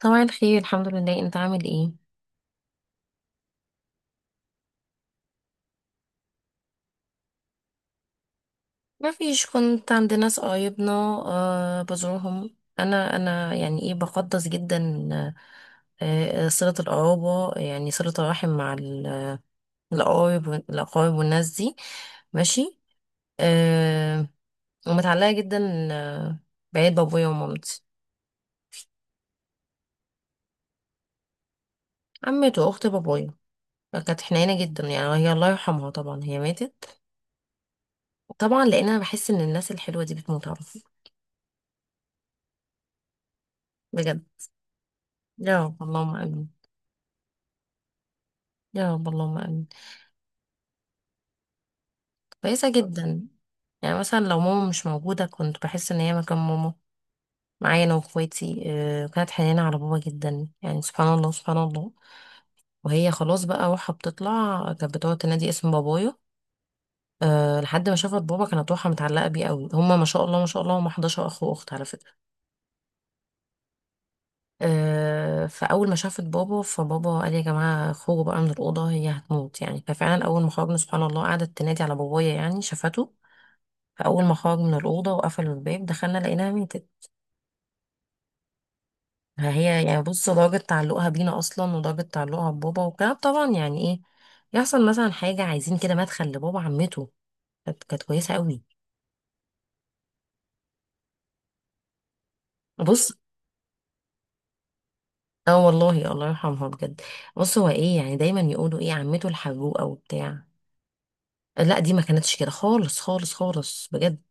طبعا خير الحمد لله. انت عامل ايه؟ ما فيش، كنت عند ناس قرايبنا. آه بزورهم انا يعني ايه، بقدس جدا. صلة القرابة يعني صلة الرحم مع القرايب الاقارب والناس دي. ماشي. آه ومتعلقة جدا. آه بعيد بابويا ومامتي. عمته واخت بابويا، كانت حنينة جدا يعني، هي الله يرحمها طبعا، هي ماتت. طبعا لان انا بحس ان الناس الحلوة دي بتموت على طول. بجد. يا رب اللهم امين. يا رب اللهم امين. كويسة جدا. يعني مثلا لو ماما مش موجودة كنت بحس ان هي مكان ماما معايا انا واخواتي. آه، كانت حنينة على بابا جدا يعني، سبحان الله سبحان الله. وهي خلاص بقى روحها بتطلع كانت بتقعد تنادي اسم بابايا. أه لحد ما شافت بابا، كانت روحها متعلقة بيه قوي. هما ما شاء الله ما شاء الله هما 11 اخ واخت على فكرة. أه، فاول ما شافت بابا، فبابا قال يا جماعة خرجوا بقى من الأوضة هي هتموت يعني. ففعلا اول ما خرجنا سبحان الله قعدت تنادي على بابايا، يعني شافته. فاول ما خرج من الأوضة وقفلوا الباب دخلنا لقيناها ميتة. هي يعني بص، درجة تعلقها بينا أصلا ودرجة تعلقها ببابا وكده طبعا يعني إيه. يحصل مثلا حاجة عايزين كده مدخل لبابا، عمته كانت كويسة قوي. بص اه والله، الله يرحمها بجد. بص، هو ايه يعني، دايما يقولوا ايه عمته الحجوقة وبتاع. لا دي ما كانتش كده خالص خالص خالص بجد.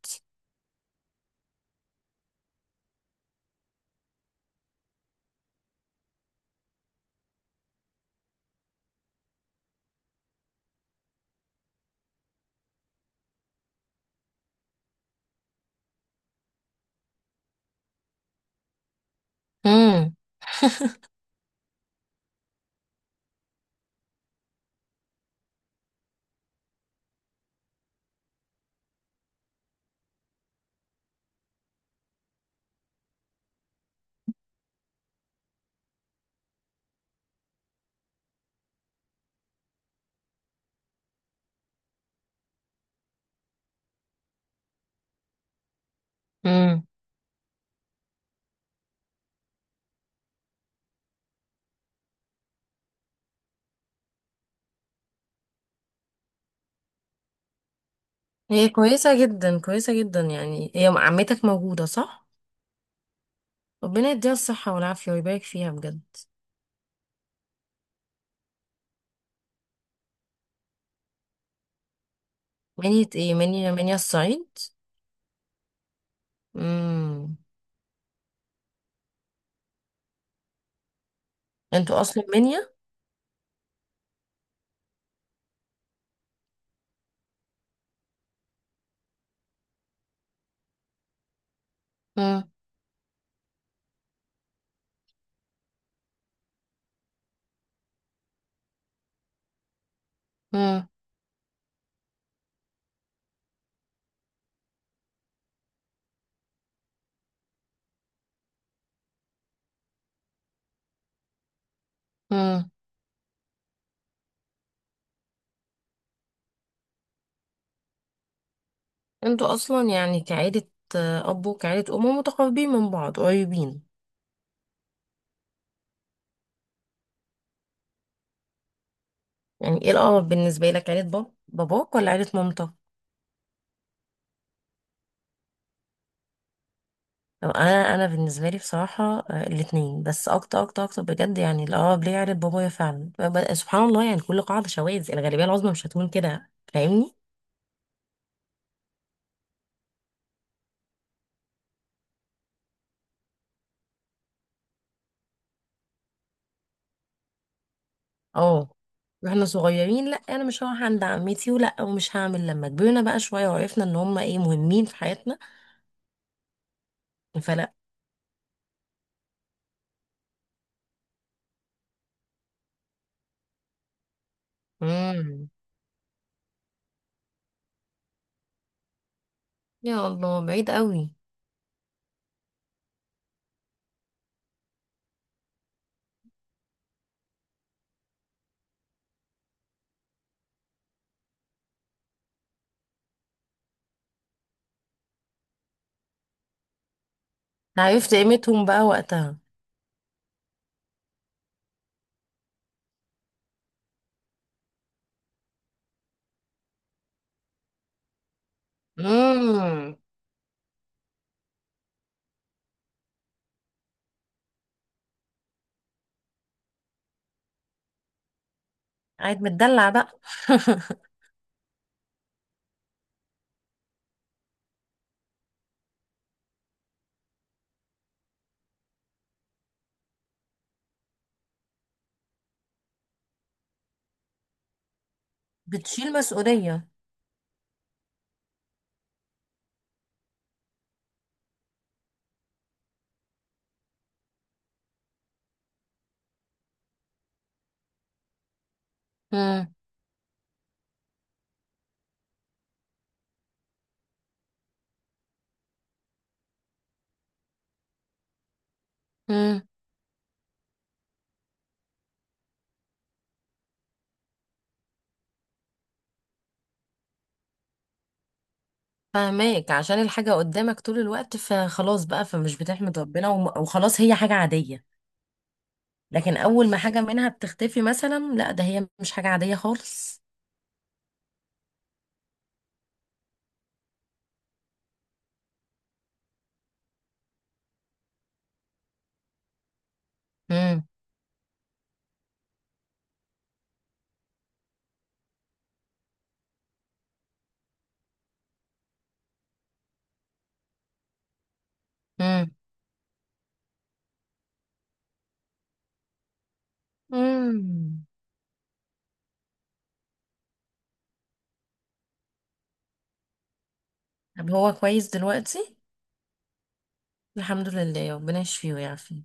امم امم هي كويسة جدا كويسة جدا. يعني هي عمتك موجودة صح؟ ربنا يديها الصحة والعافية ويبارك فيها بجد. منية ايه، منية منية الصعيد؟ امم انتوا اصلا منيا؟ مم. مم. مم. انتوا اصلا يعني كعيلة، آه، اب وكعيلة ام، متقربين من بعض، قريبين. يعني ايه الاقرب بالنسبة لك، عيلة باباك ولا عيلة مامتك؟ لو انا، انا بالنسبة لي بصراحة آه، الاتنين، بس اكتر اكتر اكتر بجد يعني الاقرب ليا عيلة بابايا فعلا. سبحان الله يعني، كل قاعدة شواذ، الغالبية العظمى مش هتكون كده، فاهمني؟ اه. واحنا صغيرين لا انا مش هروح عند عمتي ولا ومش هعمل، لما كبرنا بقى شوية وعرفنا ان هم ايه، مهمين في حياتنا. فلا. مم. يا الله، بعيد قوي. عرفت قيمتهم بقى وقتها. امم قاعد متدلع بقى. بتشيل مسؤولية. امم امم فاهماك، عشان الحاجة قدامك طول الوقت فخلاص بقى فمش بتحمد ربنا وخلاص هي حاجة عادية. لكن أول ما حاجة منها بتختفي مثلا، لا ده هي مش حاجة عادية خالص. امم امم امم طب هو كويس دلوقتي؟ الحمد لله. ربنا يشفيه ويعافيه.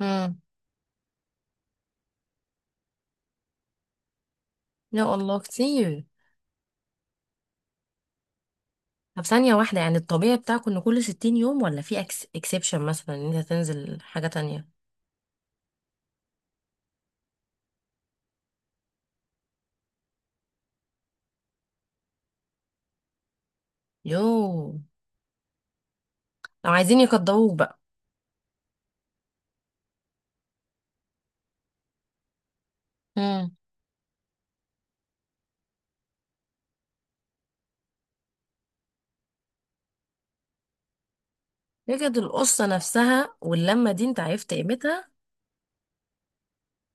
امم يا الله كتير. طب ثانية واحدة، يعني الطبيعي بتاعكم ان كل 60 يوم؟ ولا في اكس اكسبشن مثلا ان انت تنزل حاجة تانية؟ يو. لو عايزين يقدروك بقى. امم بجد، القصة نفسها واللمة دي انت عرفت قيمتها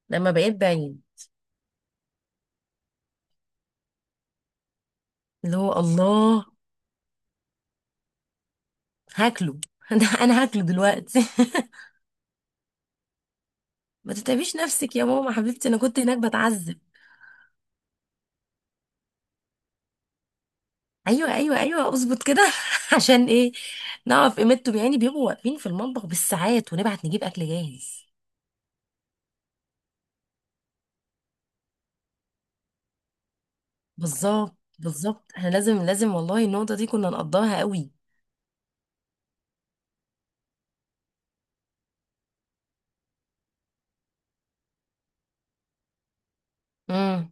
لما بقيت بعيد. اللي هو الله، هاكله. ده انا هاكله دلوقتي. ما تتعبيش نفسك يا ماما حبيبتي، انا كنت هناك بتعذب. ايوه ايوه ايوه، اظبط كده. عشان ايه نعرف قيمته، يعني بيبقوا واقفين في المطبخ بالساعات ونبعت نجيب اكل جاهز. بالظبط بالظبط، احنا لازم لازم والله النقطة دي كنا نقضاها قوي. امم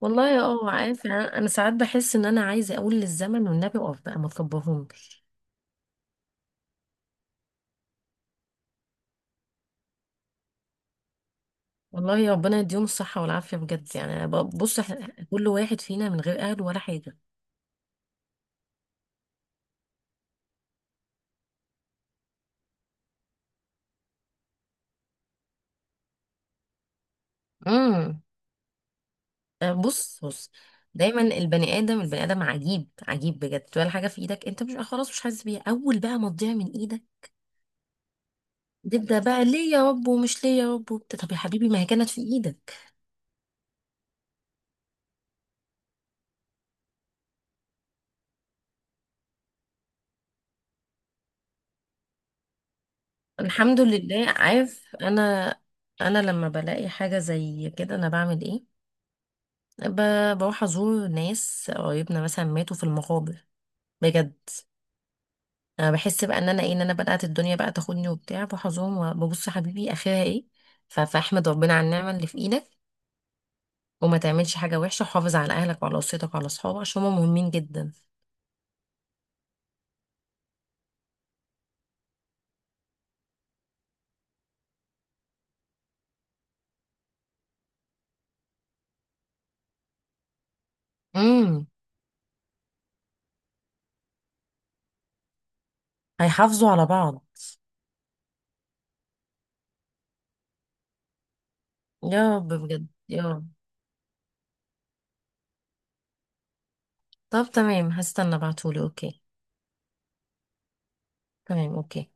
والله اه، عارف يعني، انا أنا ساعات بحس ان انا عايزة اقول للزمن والنبي اقف بقى، ما تكبرهمش. والله يا ربنا يديهم الصحة والعافية بجد. يعني أنا بص، كل واحد فينا من غير اهل ولا حاجة. امم آه، بص بص، دايما البني ادم، البني ادم عجيب عجيب بجد. ولا حاجة في ايدك انت مش آه، خلاص مش حاسس بيها، اول بقى ما تضيع من ايدك تبدأ بقى ليه يا رب ومش ليه يا رب وبتاع. طب يا حبيبي ما هي كانت في ايدك. الحمد لله. عارف انا، انا لما بلاقي حاجه زي كده انا بعمل ايه؟ بروح ازور ناس قريبنا مثلا ماتوا في المقابر. بجد. انا بحس بقى ان انا ايه، ان انا بدات الدنيا بقى تاخدني وبتاع، بروح ازورهم وببص يا حبيبي اخرها ايه. فاحمد ربنا على النعمه اللي في ايدك، وما تعملش حاجه وحشه، وحافظ على اهلك وعلى اسرتك وعلى اصحابك، عشان هم مهمين جدا. امم هيحافظوا على بعض. يا رب بجد يا رب. طب تمام، هستنى ابعتهولي، اوكي. تمام اوكي.